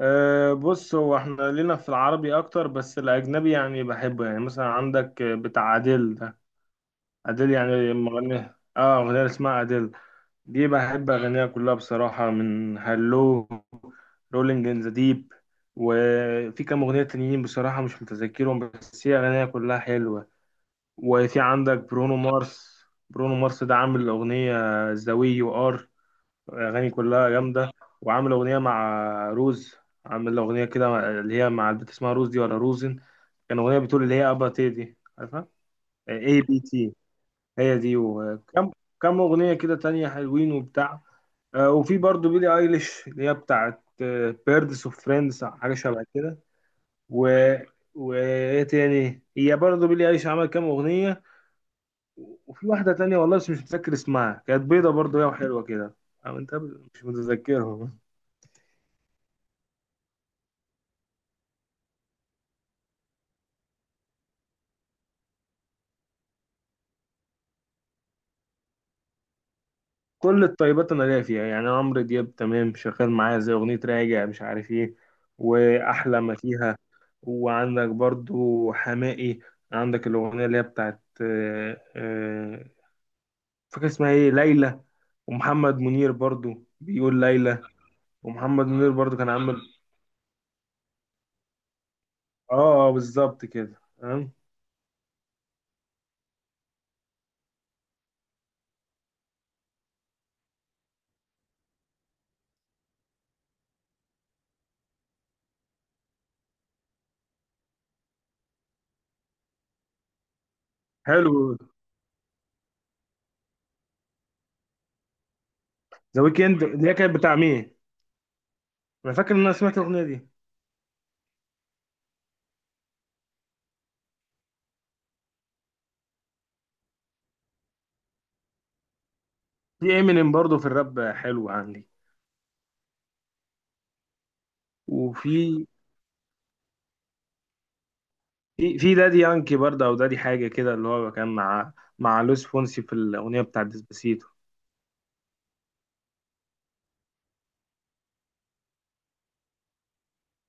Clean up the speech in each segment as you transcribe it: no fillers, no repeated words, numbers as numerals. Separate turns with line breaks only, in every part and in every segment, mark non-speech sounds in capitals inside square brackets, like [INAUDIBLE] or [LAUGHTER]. أه، بص، هو احنا لينا في العربي اكتر، بس الاجنبي يعني بحبه. يعني مثلا عندك بتاع اديل ده. اديل يعني مغني. اه، اغنية اسمها اديل. دي بحب اغانيها كلها بصراحة، من هالو، رولينج ان ذا ديب. وفي كام اغنية تانيين بصراحة مش متذكرهم، بس هي اغانيها كلها حلوة. وفي عندك برونو مارس. برونو مارس ده عامل اغنية ذا وي يو ار. اغاني كلها جامده. وعامل اغنيه مع روز. عامل اغنيه كده اللي هي مع البنت اسمها روز دي، ولا روزن. كان اغنيه بتقول اللي هي ابا تي دي، عارفها؟ اي بي تي. هي دي. وكم اغنيه كده تانية حلوين وبتاع. وفي برضو بيلي ايليش، اللي هي بتاعت بيردس اوف فريندز، حاجه شبه كده. و وايه تاني، هي برضو بيلي ايليش عمل كام اغنيه. وفي واحده تانية والله بس مش متذكر اسمها، كانت بيضه برضو هي وحلوة كده. أو انت، مش متذكرهم. كل الطيبات انا ليا فيها. يعني عمرو دياب تمام شغال معايا، زي اغنيه راجع مش عارف ايه، واحلى ما فيها. وعندك برضو حماقي. عندك الاغنيه اللي هي بتاعت فاكر اسمها ايه، ليلى. ومحمد منير برضو بيقول ليلى. ومحمد منير برضو كان عامل. اه، بالظبط كده، تمام. حلو. ذا ويكند اللي هي كانت بتاع مين؟ انا فاكر ان انا سمعت الاغنيه دي. في امينيم برضو في الراب حلو عندي. وفي في في دادي يانكي برضه، او دادي حاجه كده، اللي هو كان مع لويس فونسي في الاغنيه بتاعت ديسباسيتو.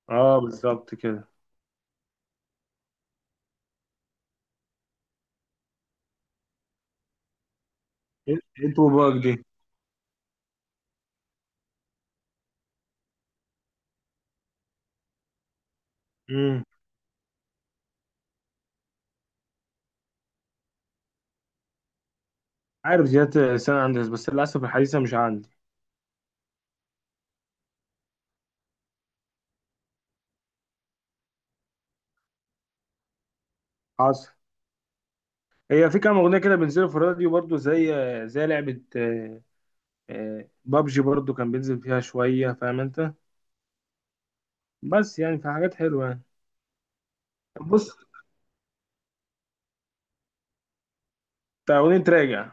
اه بالظبط كده. انت وباك دي. امم عارف زيادة السنة عندي، بس للأسف الحديثة مش عندي. حاصل. هي في كام أغنية كده بينزلوا في الراديو برضو، زي لعبة بابجي برضو كان بينزل فيها شوية، فاهم أنت؟ بس يعني في حاجات حلوة يعني. بص. بتاع أغنية راجع.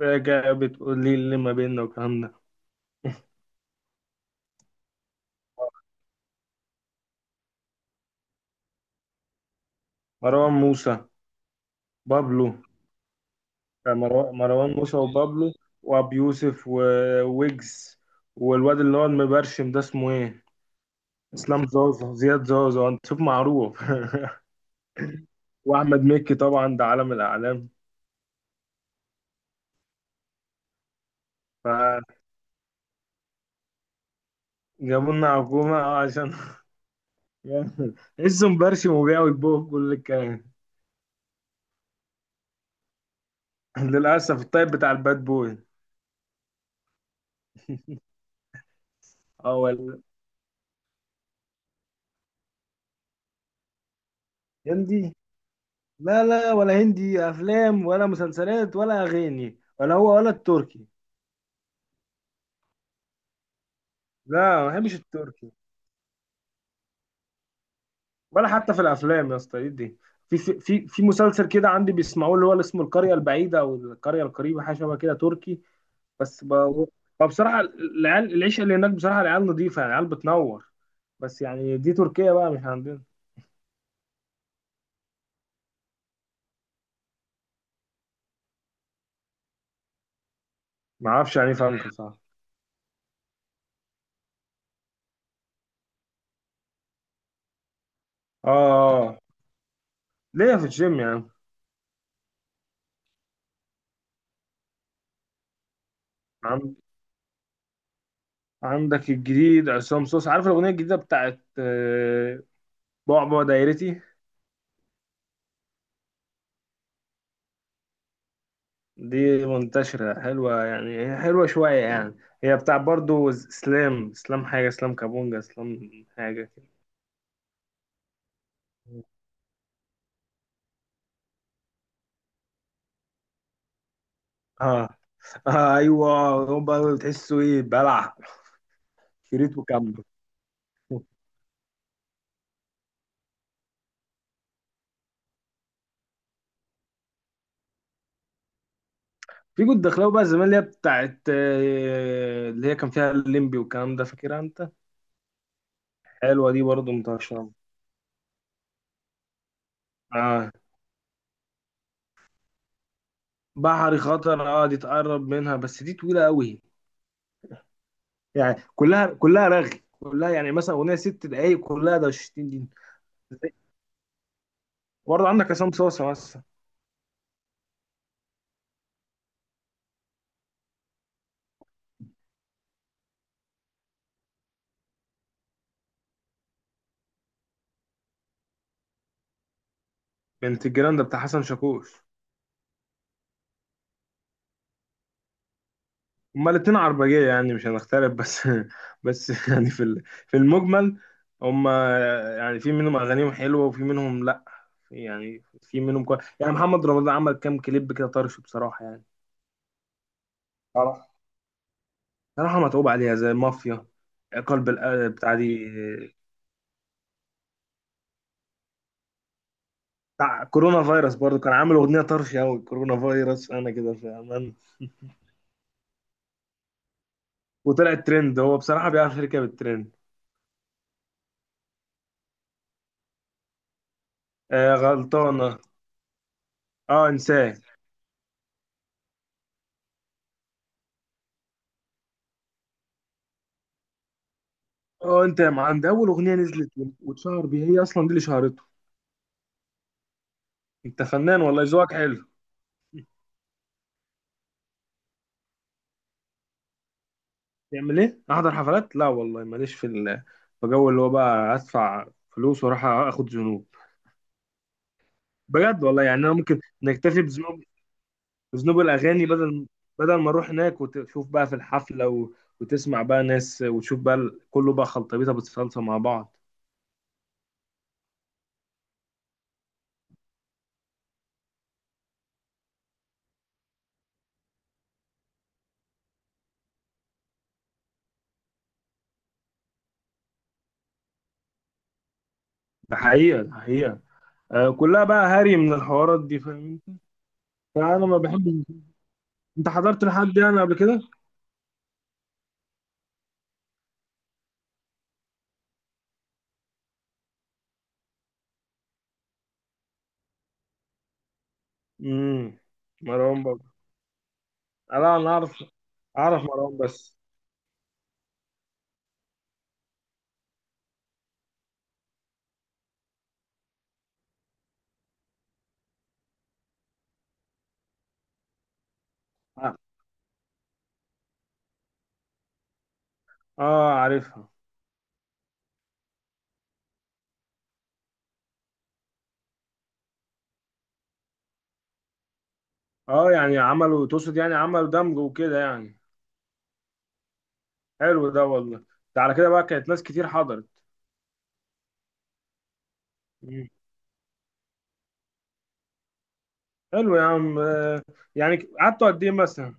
راجع بتقول لي اللي ما بيننا والكلام ده. مروان موسى. بابلو. كان مروان موسى وبابلو، وابي يوسف وويجز، والواد اللي هو المبرشم ده اسمه ايه، اسلام زازا، زياد زازا، انت شوف معروف. [LAUGHS] واحمد مكي طبعا ده عالم الاعلام. فجابوا لنا حكومه، اه، عشان [LAUGHS] لسه مبرشم وبيع ويبوه كل الكلام. [LAUGHS] للاسف الطيب بتاع الباد بوي. اه ولا. هندي. لا، لا، ولا هندي افلام، ولا مسلسلات، ولا اغاني، ولا هو ولا التركي. لا، ما بحبش التركي. ولا حتى في الافلام يا اسطى، ايه دي؟ في مسلسل كده عندي بيسمعوه، اللي هو اللي اسمه القريه البعيده او القريه القريبه، حاجه شبه كده، تركي. بس ب... فبصراحه العيال، العيشه اللي هناك بصراحه العيال نظيفه، يعني العيال بتنور. بس يعني دي تركيا بقى، مش عندنا. ما اعرفش يعني إيه، فهمت صح؟ اه. ليه في الجيم يعني. عن- عندك الجديد عصام صوص، عارف الاغنيه الجديده بتاعت بعبع دايرتي. دي منتشرة حلوة، يعني هي حلوة شوية يعني. هي بتاع برضو اسلام، اسلام حاجة، اسلام كابونجا، اسلام حاجة كده. اه، آه، ايوه. هم بقى بتحسوا ايه، بلع شريط وكمل. في كنت دخلاوي بقى زمان اللي هي بتاعت اللي هي كان فيها الليمبي والكلام ده، فاكرها انت. حلوة دي برضو منتشرة. اه. بحري خطر، اه دي تقرب منها، بس دي طويلة قوي. يعني كلها رغي، كلها يعني، مثلا اغنية ست دقايق كلها ده 60 دي. وبرضه عندك عصام صاصة مثلا. بنت الجيران ده بتاع حسن شاكوش. هما الاتنين عربجية يعني، مش هنختلف بس [LAUGHS] بس يعني في المجمل. هما يعني في منهم أغانيهم حلوة وفي منهم لأ. يعني في منهم كويس، يعني محمد رمضان عمل كام كليب كده طرش بصراحة يعني. طبعا. صراحة متعوب عليها زي مافيا، قلب القلب بتاع دي. بتاع كورونا فيروس برضه كان عامل أغنية طرش أوي، كورونا فيروس أنا كده في أمان. وطلع الترند، هو بصراحة بيعرف يركب الترند. آه، غلطانة. اه انساه. اه انت يا معلم ده اول اغنيه نزلت، واتشهر بيها، هي اصلا دي اللي شهرته. انت فنان والله، ذوقك حلو. تعمل ايه احضر حفلات، لا والله ماليش في جو اللي هو بقى ادفع فلوس واروح اخد ذنوب. بجد والله، يعني انا ممكن نكتفي بذنوب الاغاني، بدل ما اروح هناك وتشوف بقى في الحفله وتسمع بقى ناس وتشوف بقى كله بقى خلطبيطه بتصلصه مع بعض. ده حقيقه، ده حقيقه. كلها بقى هري من الحوارات دي، فاهم انت؟ فانا ما بحبش. انت حضرت لحد يعني قبل كده؟ امم مروان بابلو. لا انا اعرف مروان بس. اه، عارفها. اه يعني عملوا، تقصد يعني عملوا دمج وكده يعني. حلو ده والله. ده على كده بقى كانت ناس كتير حضرت. مم. حلو يا عم، يعني قعدتوا قد ايه مثلا؟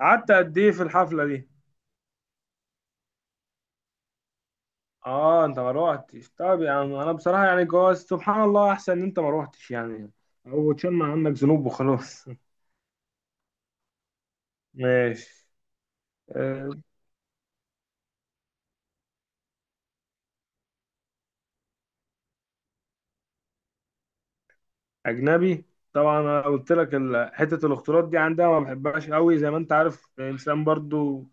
قعدت قد ايه في الحفلة دي؟ اه انت ما روحتش، طب يا عم انا بصراحة يعني جواز سبحان الله احسن ان انت ما روحتش يعني، او تشمع عنك ذنوب وخلاص. [LAUGHS] ماشي. آه، اجنبي. طبعا انا قلت لك حته الاختلاط دي عندها ما بحبهاش قوي، زي ما انت عارف، انسان برضو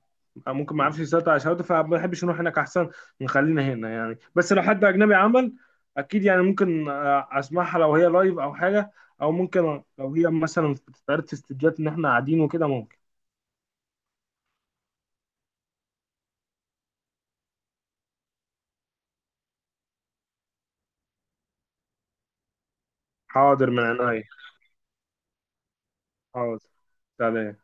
ممكن ما يعرفش يسيطر على شهوته، فما بحبش نروح هناك احسن. نخلينا هنا يعني. بس لو حد اجنبي عمل، اكيد يعني ممكن اسمعها لو هي لايف او حاجه، او ممكن لو هي مثلا بتتعرض في استوديوهات ان احنا قاعدين وكده ممكن. حاضر من عينيا. حاضر. سلام.